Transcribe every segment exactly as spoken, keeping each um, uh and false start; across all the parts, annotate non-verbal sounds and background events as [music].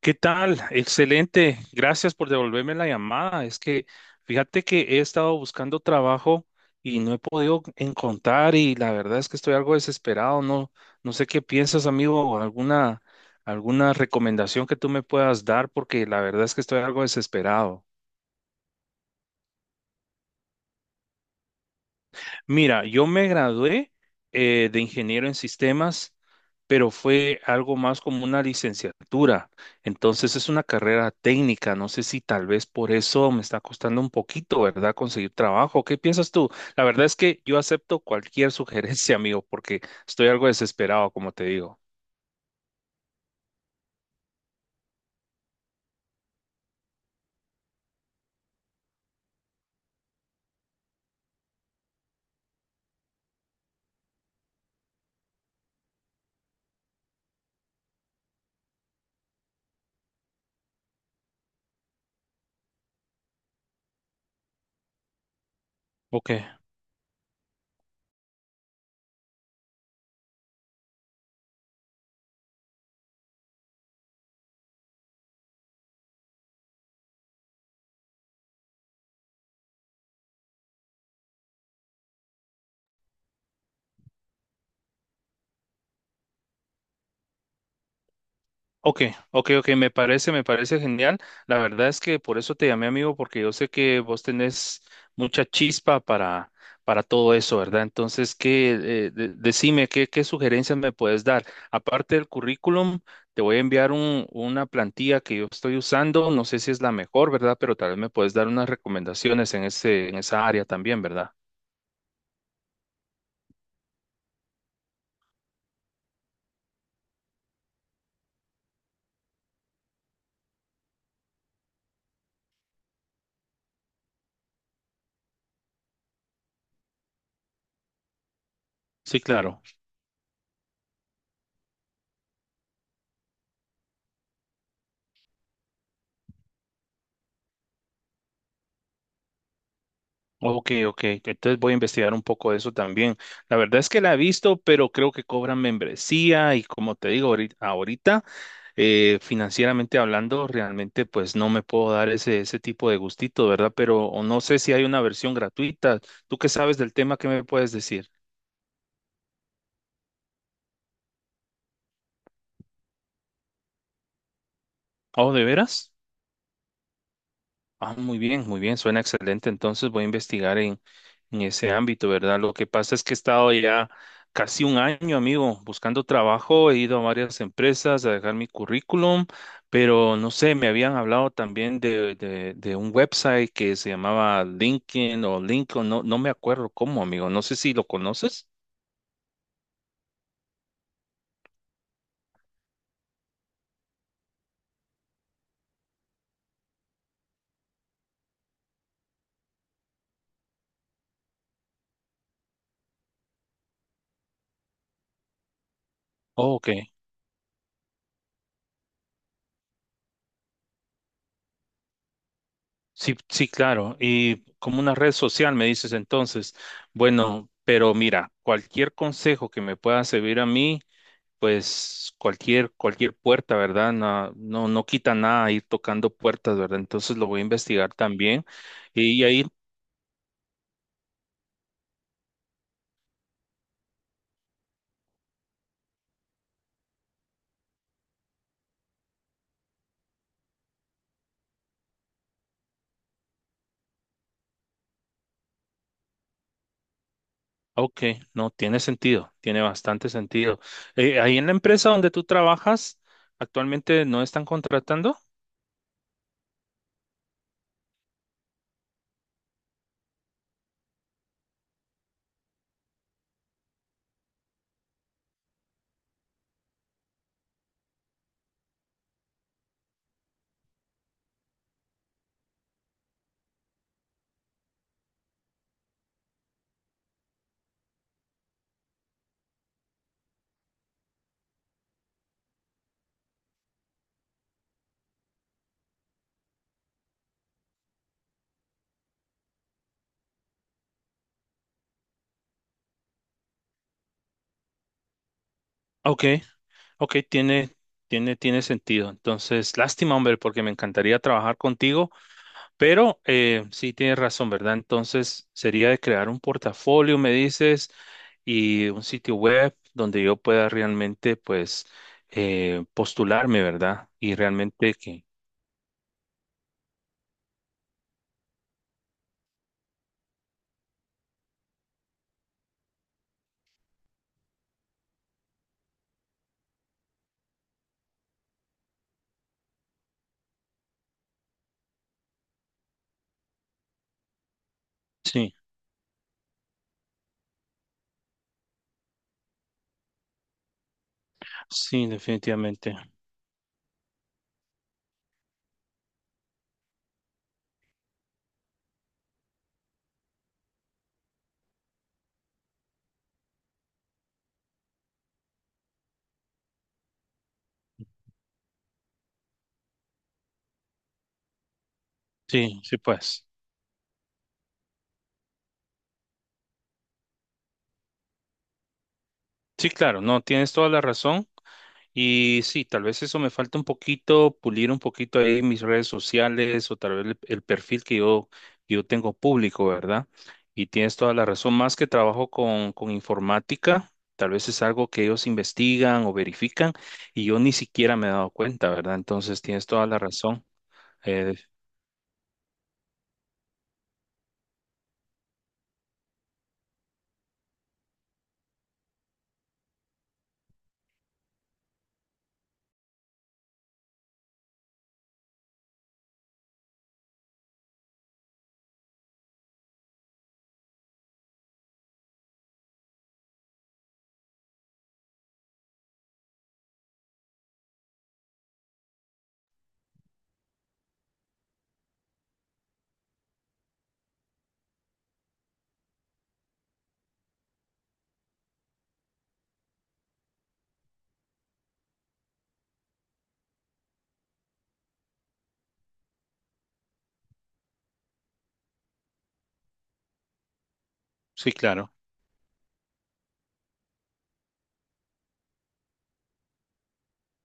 ¿Qué tal? Excelente. Gracias por devolverme la llamada. Es que fíjate que he estado buscando trabajo y no he podido encontrar, y la verdad es que estoy algo desesperado. No, no sé qué piensas, amigo, o alguna, alguna recomendación que tú me puedas dar, porque la verdad es que estoy algo desesperado. Mira, yo me gradué eh, de ingeniero en sistemas, pero fue algo más como una licenciatura. Entonces es una carrera técnica. No sé si tal vez por eso me está costando un poquito, ¿verdad? Conseguir trabajo. ¿Qué piensas tú? La verdad es que yo acepto cualquier [laughs] sugerencia, amigo, porque estoy algo desesperado, como te digo. Ok. Ok, ok, ok, me parece, me parece genial. La verdad es que por eso te llamé, amigo, porque yo sé que vos tenés mucha chispa para, para todo eso, ¿verdad? Entonces, ¿qué, eh, de- decime, qué, qué sugerencias me puedes dar? Aparte del currículum, te voy a enviar un, una plantilla que yo estoy usando, no sé si es la mejor, ¿verdad? Pero tal vez me puedes dar unas recomendaciones en ese, en esa área también, ¿verdad? Sí, claro. Ok, ok. Entonces voy a investigar un poco de eso también. La verdad es que la he visto, pero creo que cobran membresía y como te digo, ahorita, ahorita, eh, financieramente hablando, realmente pues no me puedo dar ese, ese tipo de gustito, ¿verdad? Pero, o no sé si hay una versión gratuita. ¿Tú qué sabes del tema? ¿Qué me puedes decir? ¿Oh, de veras? Ah, muy bien, muy bien, suena excelente. Entonces voy a investigar en, en ese ámbito, ¿verdad? Lo que pasa es que he estado ya casi un año, amigo, buscando trabajo. He ido a varias empresas a dejar mi currículum, pero no sé, me habían hablado también de, de, de un website que se llamaba LinkedIn o LinkedIn, no, no me acuerdo cómo, amigo. No sé si lo conoces. Oh, ok. Sí, sí, claro. Y como una red social, me dices entonces. Bueno, pero mira, cualquier consejo que me pueda servir a mí, pues cualquier, cualquier puerta, ¿verdad? No, no, no quita nada ir tocando puertas, ¿verdad? Entonces lo voy a investigar también. Y ahí, ok, no, tiene sentido, tiene bastante sentido. Eh, ahí en la empresa donde tú trabajas, actualmente no están contratando. Ok, ok, tiene, tiene, tiene sentido. Entonces, lástima, hombre, porque me encantaría trabajar contigo. Pero eh, sí tienes razón, ¿verdad? Entonces sería de crear un portafolio, me dices, y un sitio web donde yo pueda realmente, pues, eh, postularme, ¿verdad? Y realmente que... Sí, sí, definitivamente. Sí, sí, pues. Sí, claro, no, tienes toda la razón. Y sí, tal vez eso me falta un poquito, pulir un poquito ahí mis redes sociales, o tal vez el, el perfil que yo, que yo tengo público, ¿verdad? Y tienes toda la razón, más que trabajo con, con informática, tal vez es algo que ellos investigan o verifican y yo ni siquiera me he dado cuenta, ¿verdad? Entonces tienes toda la razón. Eh, sí, claro.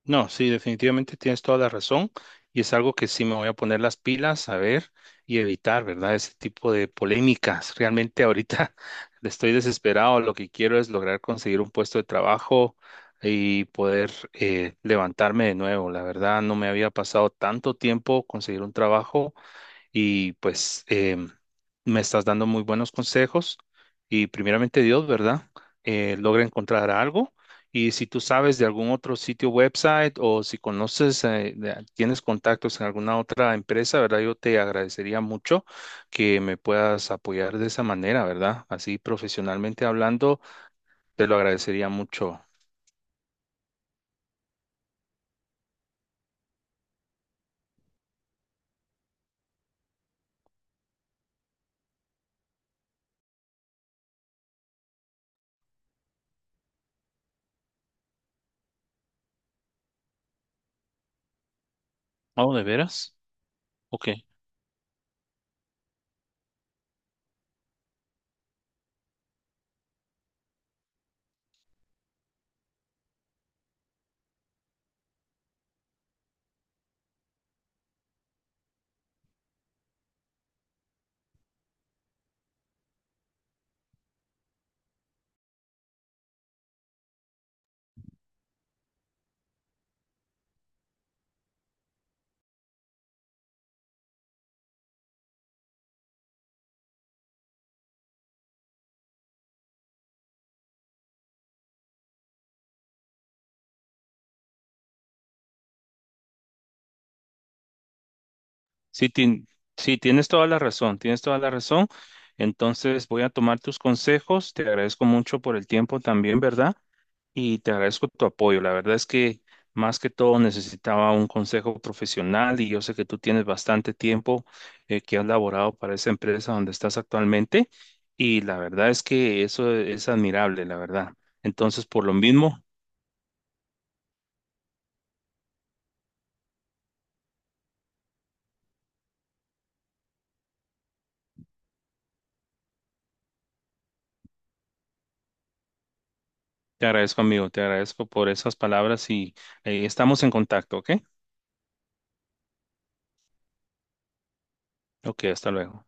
No, sí, definitivamente tienes toda la razón, y es algo que sí me voy a poner las pilas a ver y evitar, ¿verdad? Ese tipo de polémicas. Realmente ahorita [laughs] estoy desesperado, lo que quiero es lograr conseguir un puesto de trabajo y poder eh, levantarme de nuevo. La verdad, no me había pasado tanto tiempo conseguir un trabajo, y pues em, me estás dando muy buenos consejos, y primeramente Dios, ¿verdad? Eh, logra encontrar algo, y si tú sabes de algún otro sitio website, o si conoces, eh, de- tienes contactos en alguna otra empresa, ¿verdad? Yo te agradecería mucho que me puedas apoyar de esa manera, ¿verdad? Así profesionalmente hablando, te lo agradecería mucho. Oh, ¿de veras? Ok. Sí, tien- sí, tienes toda la razón, tienes toda la razón. Entonces voy a tomar tus consejos. Te agradezco mucho por el tiempo también, ¿verdad? Y te agradezco tu apoyo. La verdad es que más que todo necesitaba un consejo profesional, y yo sé que tú tienes bastante tiempo eh, que has laborado para esa empresa donde estás actualmente, y la verdad es que eso es admirable, la verdad. Entonces, por lo mismo, te agradezco, amigo, te agradezco por esas palabras y eh, estamos en contacto, ¿ok? Ok, hasta luego.